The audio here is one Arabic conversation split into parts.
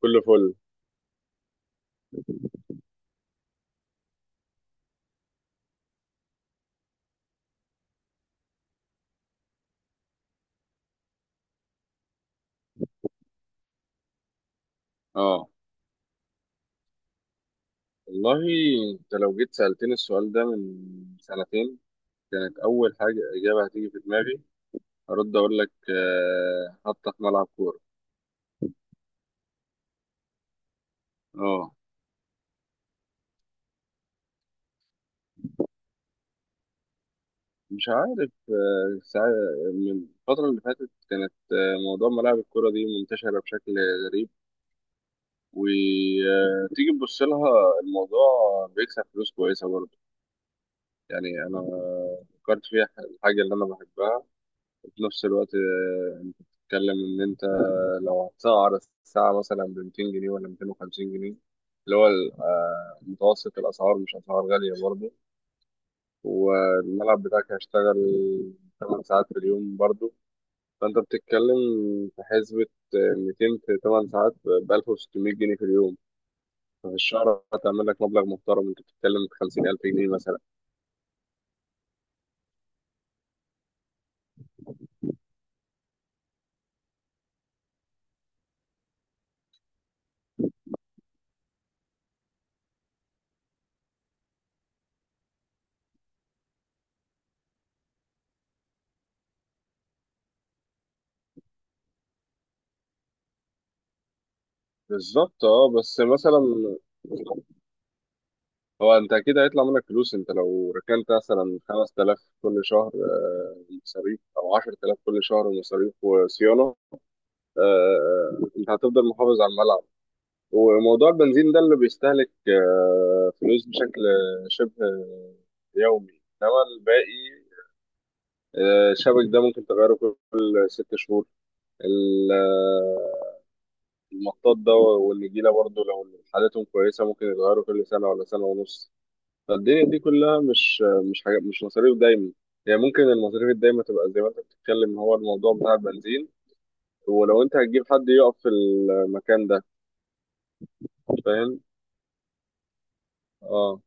كله فل. اه، والله انت لو جيت سألتني السؤال ده من سنتين، كانت أول حاجة إجابة هتيجي في دماغي هرد أقول لك حتى في ملعب كورة. اه، مش عارف. ساعة من الفترة اللي فاتت كانت موضوع ملاعب الكورة دي منتشرة بشكل غريب، وتيجي تبص لها الموضوع بيكسب فلوس كويسة برضه. يعني أنا فكرت فيها الحاجة اللي أنا بحبها. في نفس الوقت انت بتتكلم ان انت لو هتسعر الساعة مثلا ب 200 جنيه ولا 250 جنيه، اللي هو متوسط الأسعار مش أسعار غالية برضه. والملعب بتاعك هيشتغل 8 ساعات في اليوم برضه. فأنت بتتكلم في حسبة، 200 في 8 ساعات ب 1600 جنيه في اليوم. ففي الشهر هتعمل لك مبلغ محترم، أنت بتتكلم في 50000 جنيه مثلا. بالظبط اه، بس مثلا هو انت اكيد هيطلع منك فلوس. انت لو ركنت مثلا 5000 كل شهر مصاريف، او 10000 كل شهر مصاريف وصيانه. انت هتفضل محافظ على الملعب. وموضوع البنزين ده اللي بيستهلك فلوس بشكل شبه يومي. انما الباقي الشبك ده ممكن تغيره كل 6 شهور. ال- آه، المطاط ده والنجيله برضه لو حالتهم كويسه ممكن يتغيروا كل سنه ولا سنه ونص. فالدنيا دي كلها مش حاجة، مش مصاريف دايما. يعني ممكن المصاريف الدايمة تبقى زي ما انت بتتكلم، هو الموضوع بتاع البنزين ولو انت هتجيب حد يقف في المكان ده. فاهم اه.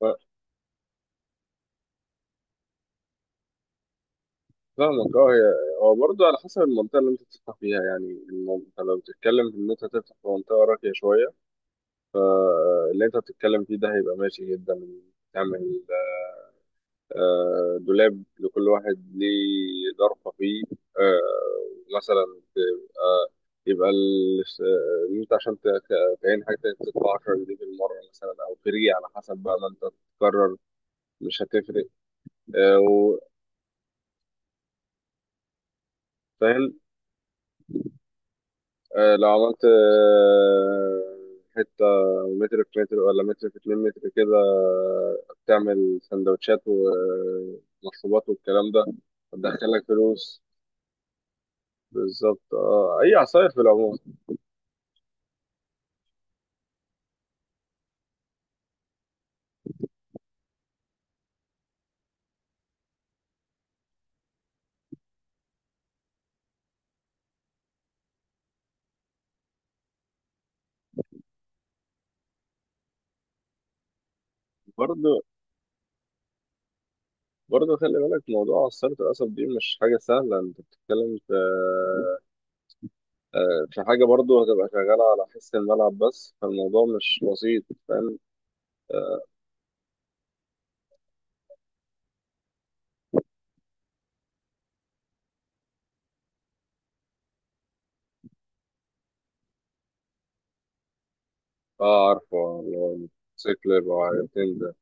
ف- فاهمك اه، هو برضه على حسب المنطقة اللي انت بتفتح فيها. يعني انت لو بتتكلم في ان انت هتفتح في منطقة راقية شوية، اللي انت بتتكلم فيه ده هيبقى ماشي جدا. تعمل دولاب لكل واحد ليه ظرفة فيه، مثلا. تبقى يبقى إن أنت عشان تعين حاجة تدفع 10 جنيه في المرة مثلا، أو فري على حسب بقى ما أنت تقرر. مش هتفرق. آه، و- فاهم. لو عملت حتة متر في متر ولا متر في 2 متر كده، تعمل سندوتشات ومشروبات والكلام ده هتدخلك فلوس. بالظبط اه، اي عصاير في العموم. برضه برضه خلي بالك موضوع عصارة القصب دي مش حاجة سهلة. انت بتتكلم في في حاجة برضه هتبقى شغالة على حس الملعب، بس فالموضوع مش بسيط. فاهم اه. عارفه اللي هو موتوسيكل يبقى عجلتين ده.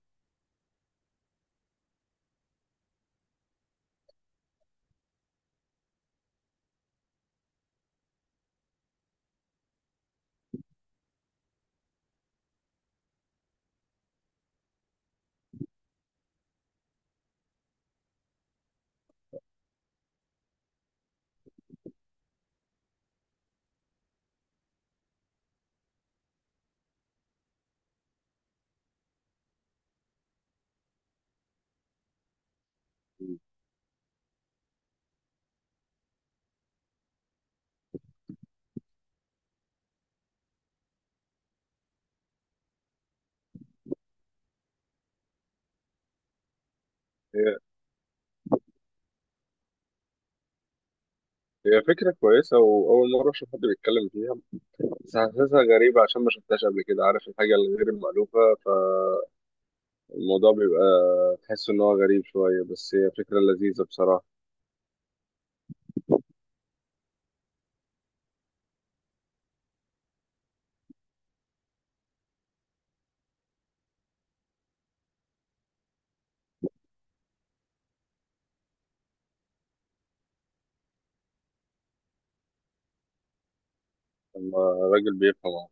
هي هي فكرة كويسة وأول مرة أشوف حد بيتكلم فيها. بس حاسسها غريبة عشان ما شفتهاش قبل كده. عارف الحاجة الغير المألوفة فالموضوع بيبقى تحس إن هو غريب شوية، بس هي فكرة لذيذة بصراحة. لما الراجل بيفهم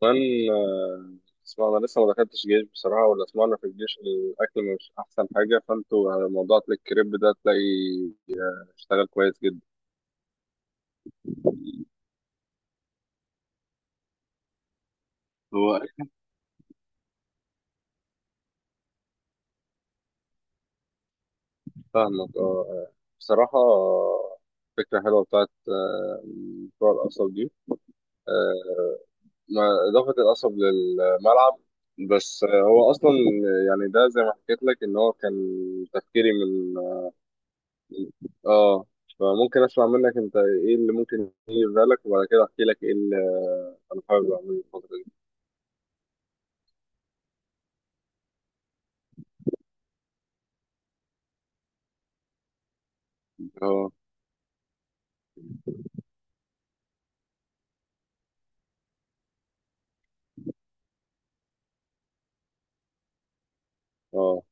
كمان. آه، اسمع انا لسه ما دخلتش جيش بصراحه، ولا سمعنا في الجيش الاكل مش احسن حاجه. فانتوا على موضوع أكل الكريب ده تلاقي اشتغل كويس جدا. هو أكيد. فاهمك اه. بصراحه فكره حلوه بتاعت مشروع القصب دي. آه، اضافه القصب للملعب. بس هو اصلا يعني ده زي ما حكيت لك، ان هو كان تفكيري من، اه، فممكن اسمع منك انت ايه اللي ممكن يجي في بالك، وبعد كده احكي لك ايه انا حابب اعمل الفترة دي. اه، اه،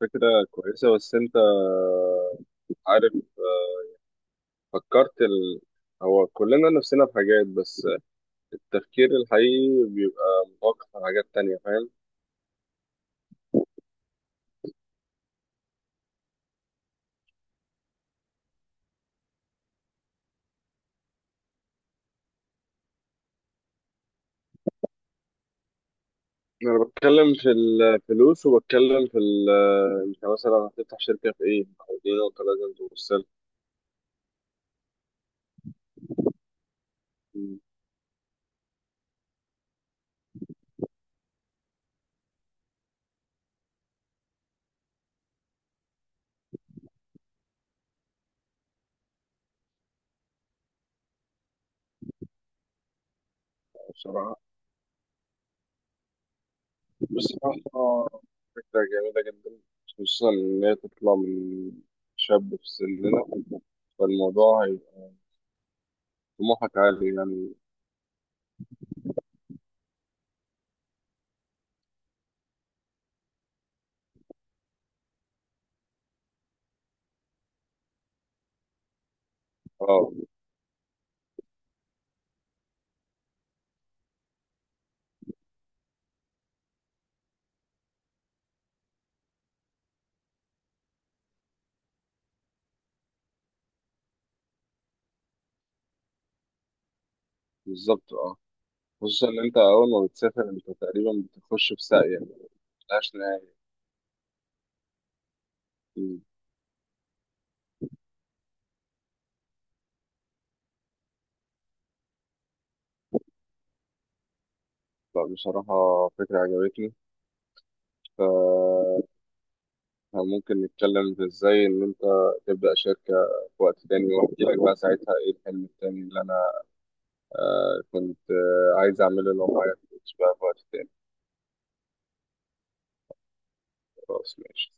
فكرة كويسة. بس انت عارف فكرت هو كلنا نفسنا في حاجات، بس التفكير الحقيقي بيبقى متوقف على حاجات تانية. فاهم. انا بتكلم في الفلوس وبتكلم في انت مثلا هتفتح شركة في ايه؟ او دي نقطة لازم تبص لها. بصراحة بصراحة فكرة جميلة جدا، خصوصا ان هي تطلع من شاب في سننا. فالموضوع طموحك عالي يعني. اه بالظبط اه. خصوصا ان انت اول ما بتسافر انت تقريبا بتخش في ساقية ملهاش نهاية. مم. لا، بصراحة فكرة عجبتني. ف- فممكن نتكلم في ازاي ان انت تبدأ شركة في وقت تاني، واحكي لك بقى ساعتها ايه الحلم التاني اللي انا كنت عايز اعمله لو معايا فلوس بقى في وقت تاني. خلاص ماشي.